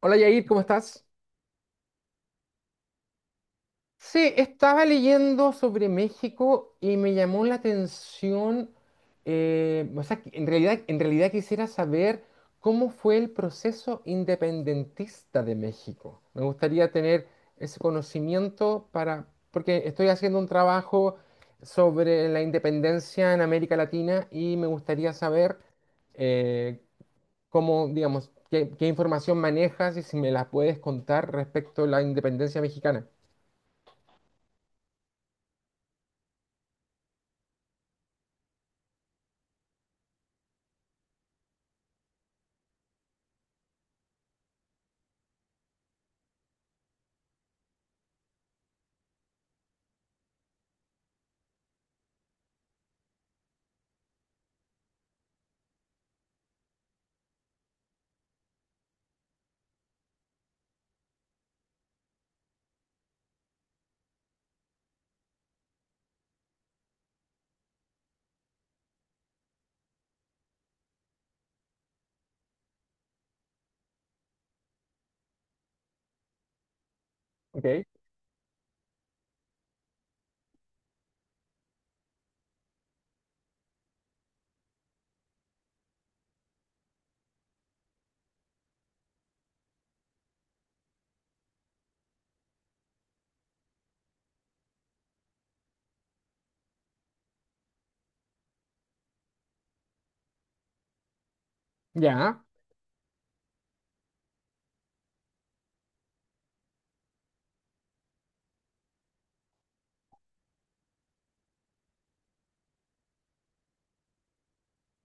Hola Yair, ¿cómo estás? Sí, estaba leyendo sobre México y me llamó la atención, que en realidad quisiera saber cómo fue el proceso independentista de México. Me gustaría tener ese conocimiento porque estoy haciendo un trabajo sobre la independencia en América Latina y me gustaría saber eh, cómo, digamos, qué información manejas y si me la puedes contar respecto a la independencia mexicana. Ok. Ya.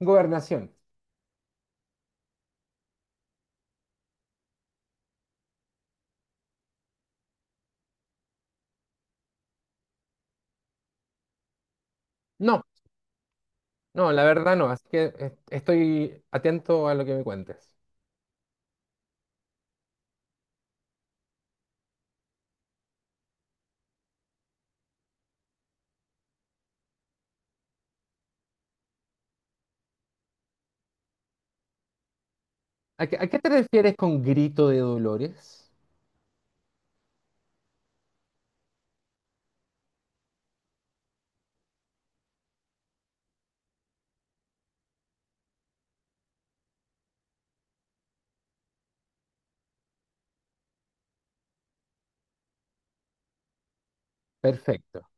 Gobernación. No, no, la verdad no, así que estoy atento a lo que me cuentes. ¿A qué te refieres con grito de dolores? Perfecto.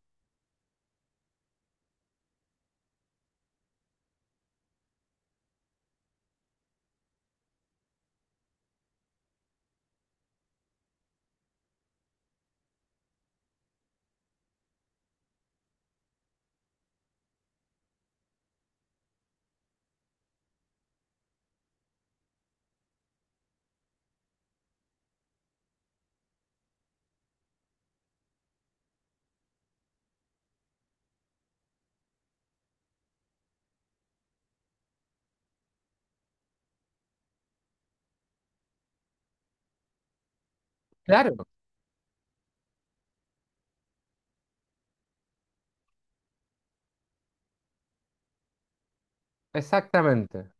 Claro, exactamente.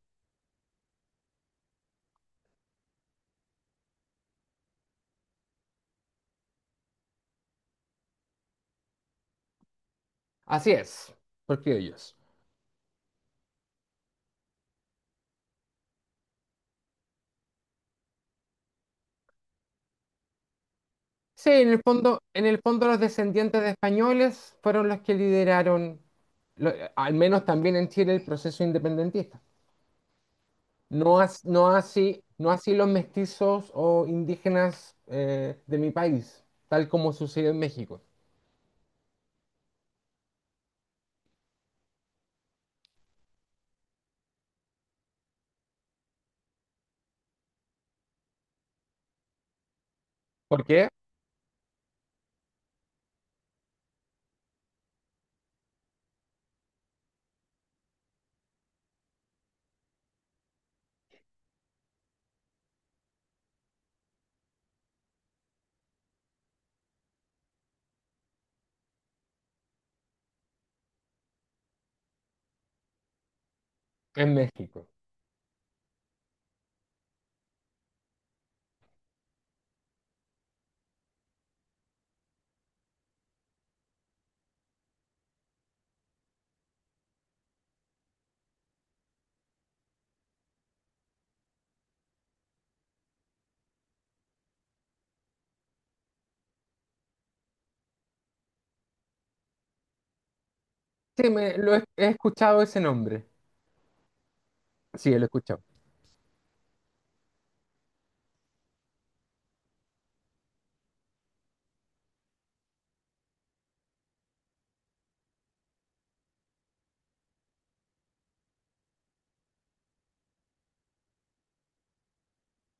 Así es, por criollos. Sí, en el fondo los descendientes de españoles fueron los que lideraron, al menos también en Chile, el proceso independentista. No, no así los mestizos o indígenas de mi país, tal como sucedió en México. ¿Por qué? En México. Sí, he escuchado ese nombre. Sí, lo he escuchado.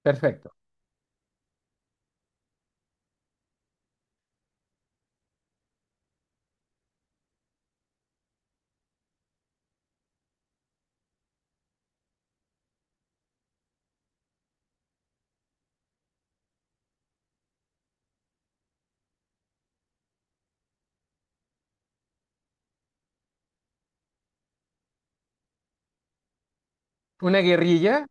Perfecto. ¿Una guerrilla?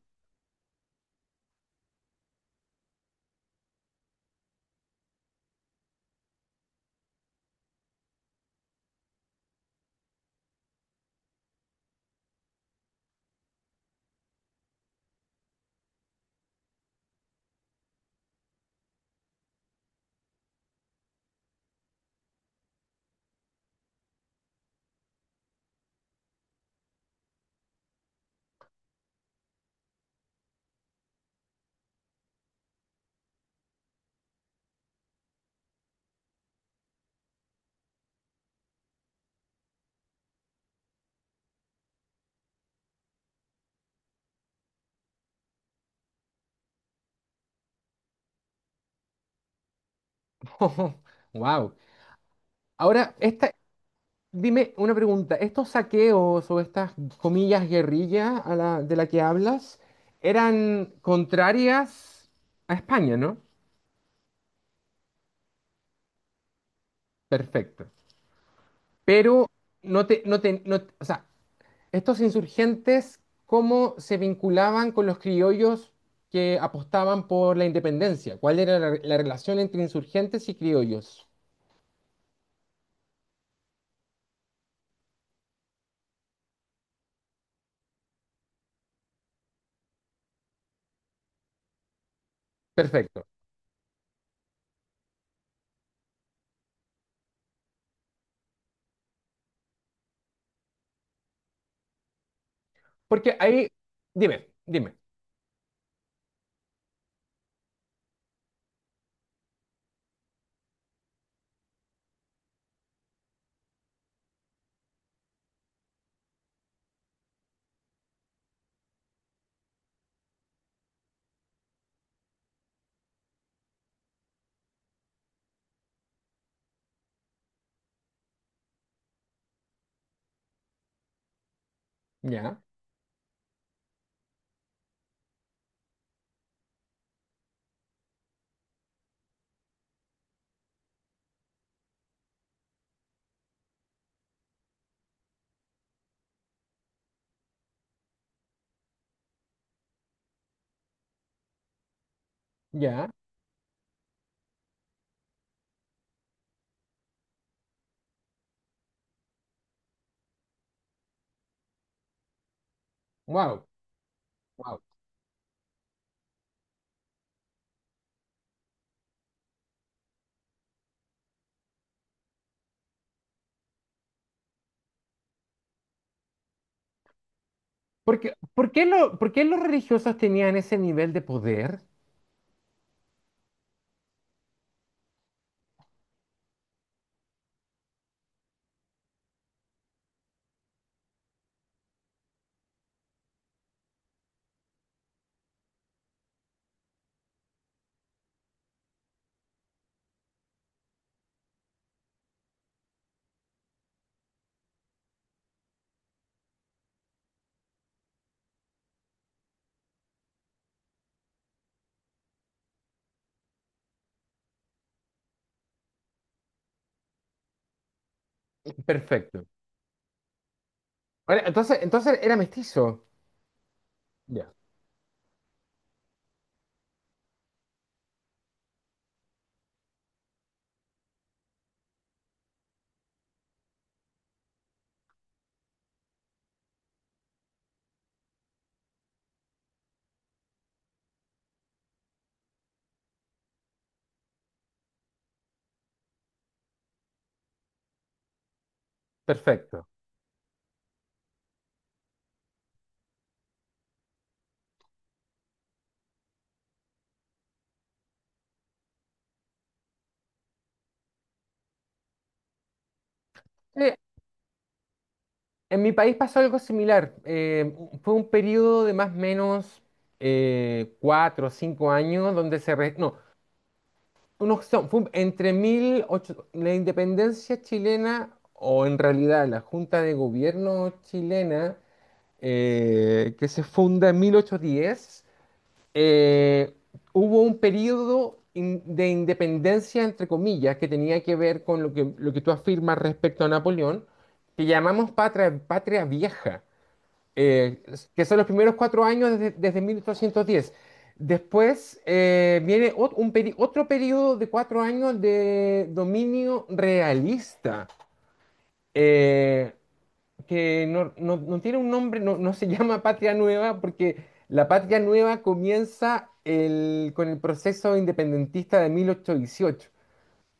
Wow. Ahora, esta, dime una pregunta. ¿Estos saqueos o estas comillas guerrilla a de la que hablas eran contrarias a España, ¿no? Perfecto. Pero no te, no te, no, o sea, estos insurgentes, ¿cómo se vinculaban con los criollos que apostaban por la independencia? ¿Cuál era la relación entre insurgentes y criollos? Perfecto. Porque ahí, dime. Ya, ya, wow, wow. Porque, ¿por qué por qué los religiosos tenían ese nivel de poder? Perfecto. Ahora, entonces era mestizo. Ya, perfecto. Sí, en mi país pasó algo similar. Fue un periodo de más o menos cuatro o cinco años donde se... re- no, unos son- fue entre la independencia chilena o en realidad la Junta de Gobierno chilena que se funda en 1810, eh, hubo un periodo de independencia, entre comillas, que tenía que ver con lo que tú afirmas respecto a Napoleón, que llamamos patria vieja, eh, que son los primeros cuatro años desde 1810. Después viene otro periodo de cuatro años de dominio realista, eh, que no tiene un nombre, no se llama Patria Nueva, porque la Patria Nueva comienza con el proceso independentista de 1818.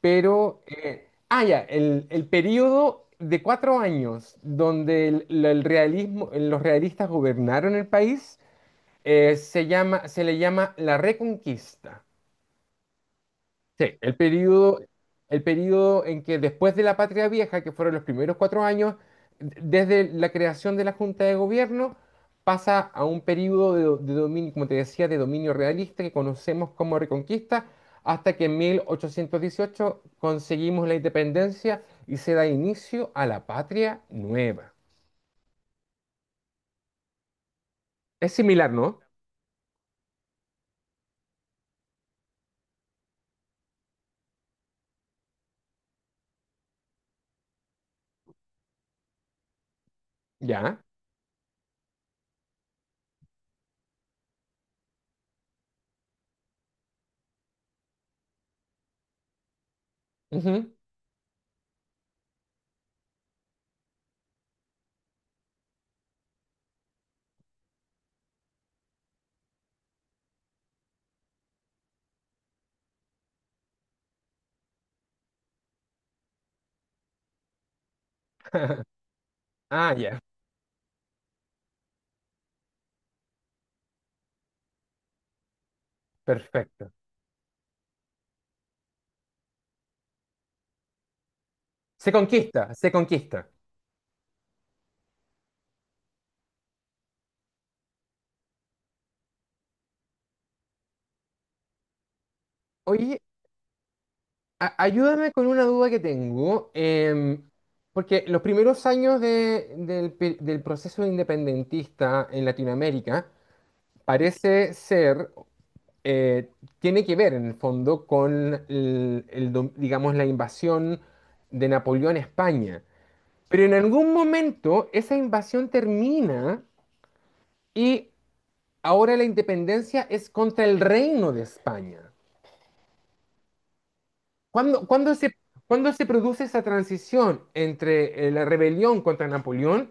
Pero, ya, el periodo de cuatro años donde el realismo, los realistas gobernaron el país, se le llama la Reconquista. Sí, el periodo en que después de la Patria Vieja, que fueron los primeros cuatro años, desde la creación de la Junta de Gobierno, pasa a un periodo de, de dominio, como te decía, de dominio realista que conocemos como Reconquista, hasta que en 1818 conseguimos la independencia y se da inicio a la Patria Nueva. Es similar, ¿no? Ya. Ujú. Ah, ya. Perfecto. Se conquista, se conquista. Oye, ayúdame con una duda que tengo, porque los primeros años del proceso independentista en Latinoamérica parece ser, eh, tiene que ver en el fondo con el digamos, la invasión de Napoleón a España. Pero en algún momento esa invasión termina y ahora la independencia es contra el reino de España. ¿Cuándo, cuándo se produce esa transición entre la rebelión contra Napoleón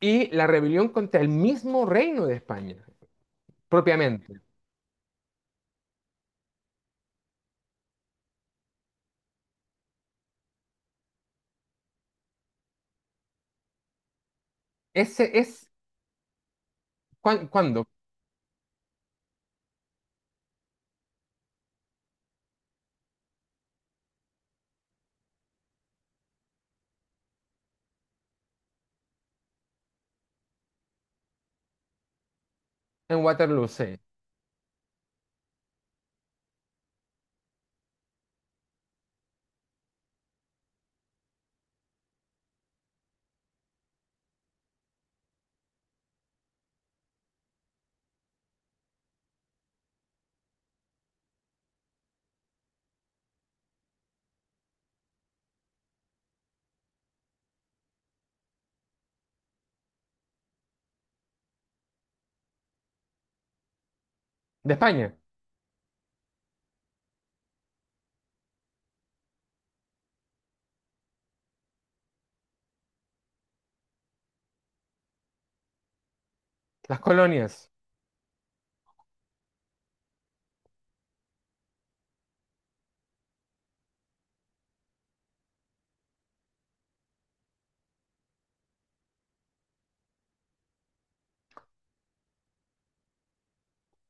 y la rebelión contra el mismo reino de España, propiamente? Ese es cuándo en Waterloo, sí. De España, las colonias.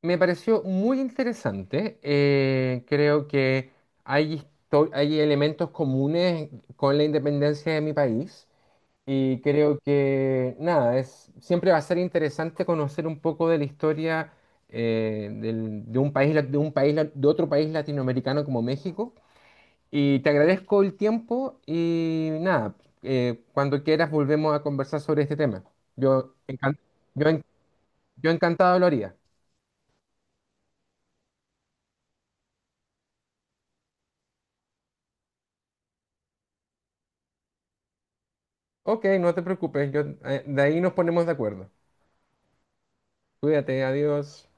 Me pareció muy interesante. Creo que hay, hay elementos comunes con la independencia de mi país. Y creo que nada, es, siempre va a ser interesante conocer un poco de la historia de un país, de otro país latinoamericano como México. Y te agradezco el tiempo y nada, cuando quieras volvemos a conversar sobre este tema. Yo, encan- yo, en- yo encantado lo haría. Ok, no te preocupes, de ahí nos ponemos de acuerdo. Cuídate, adiós.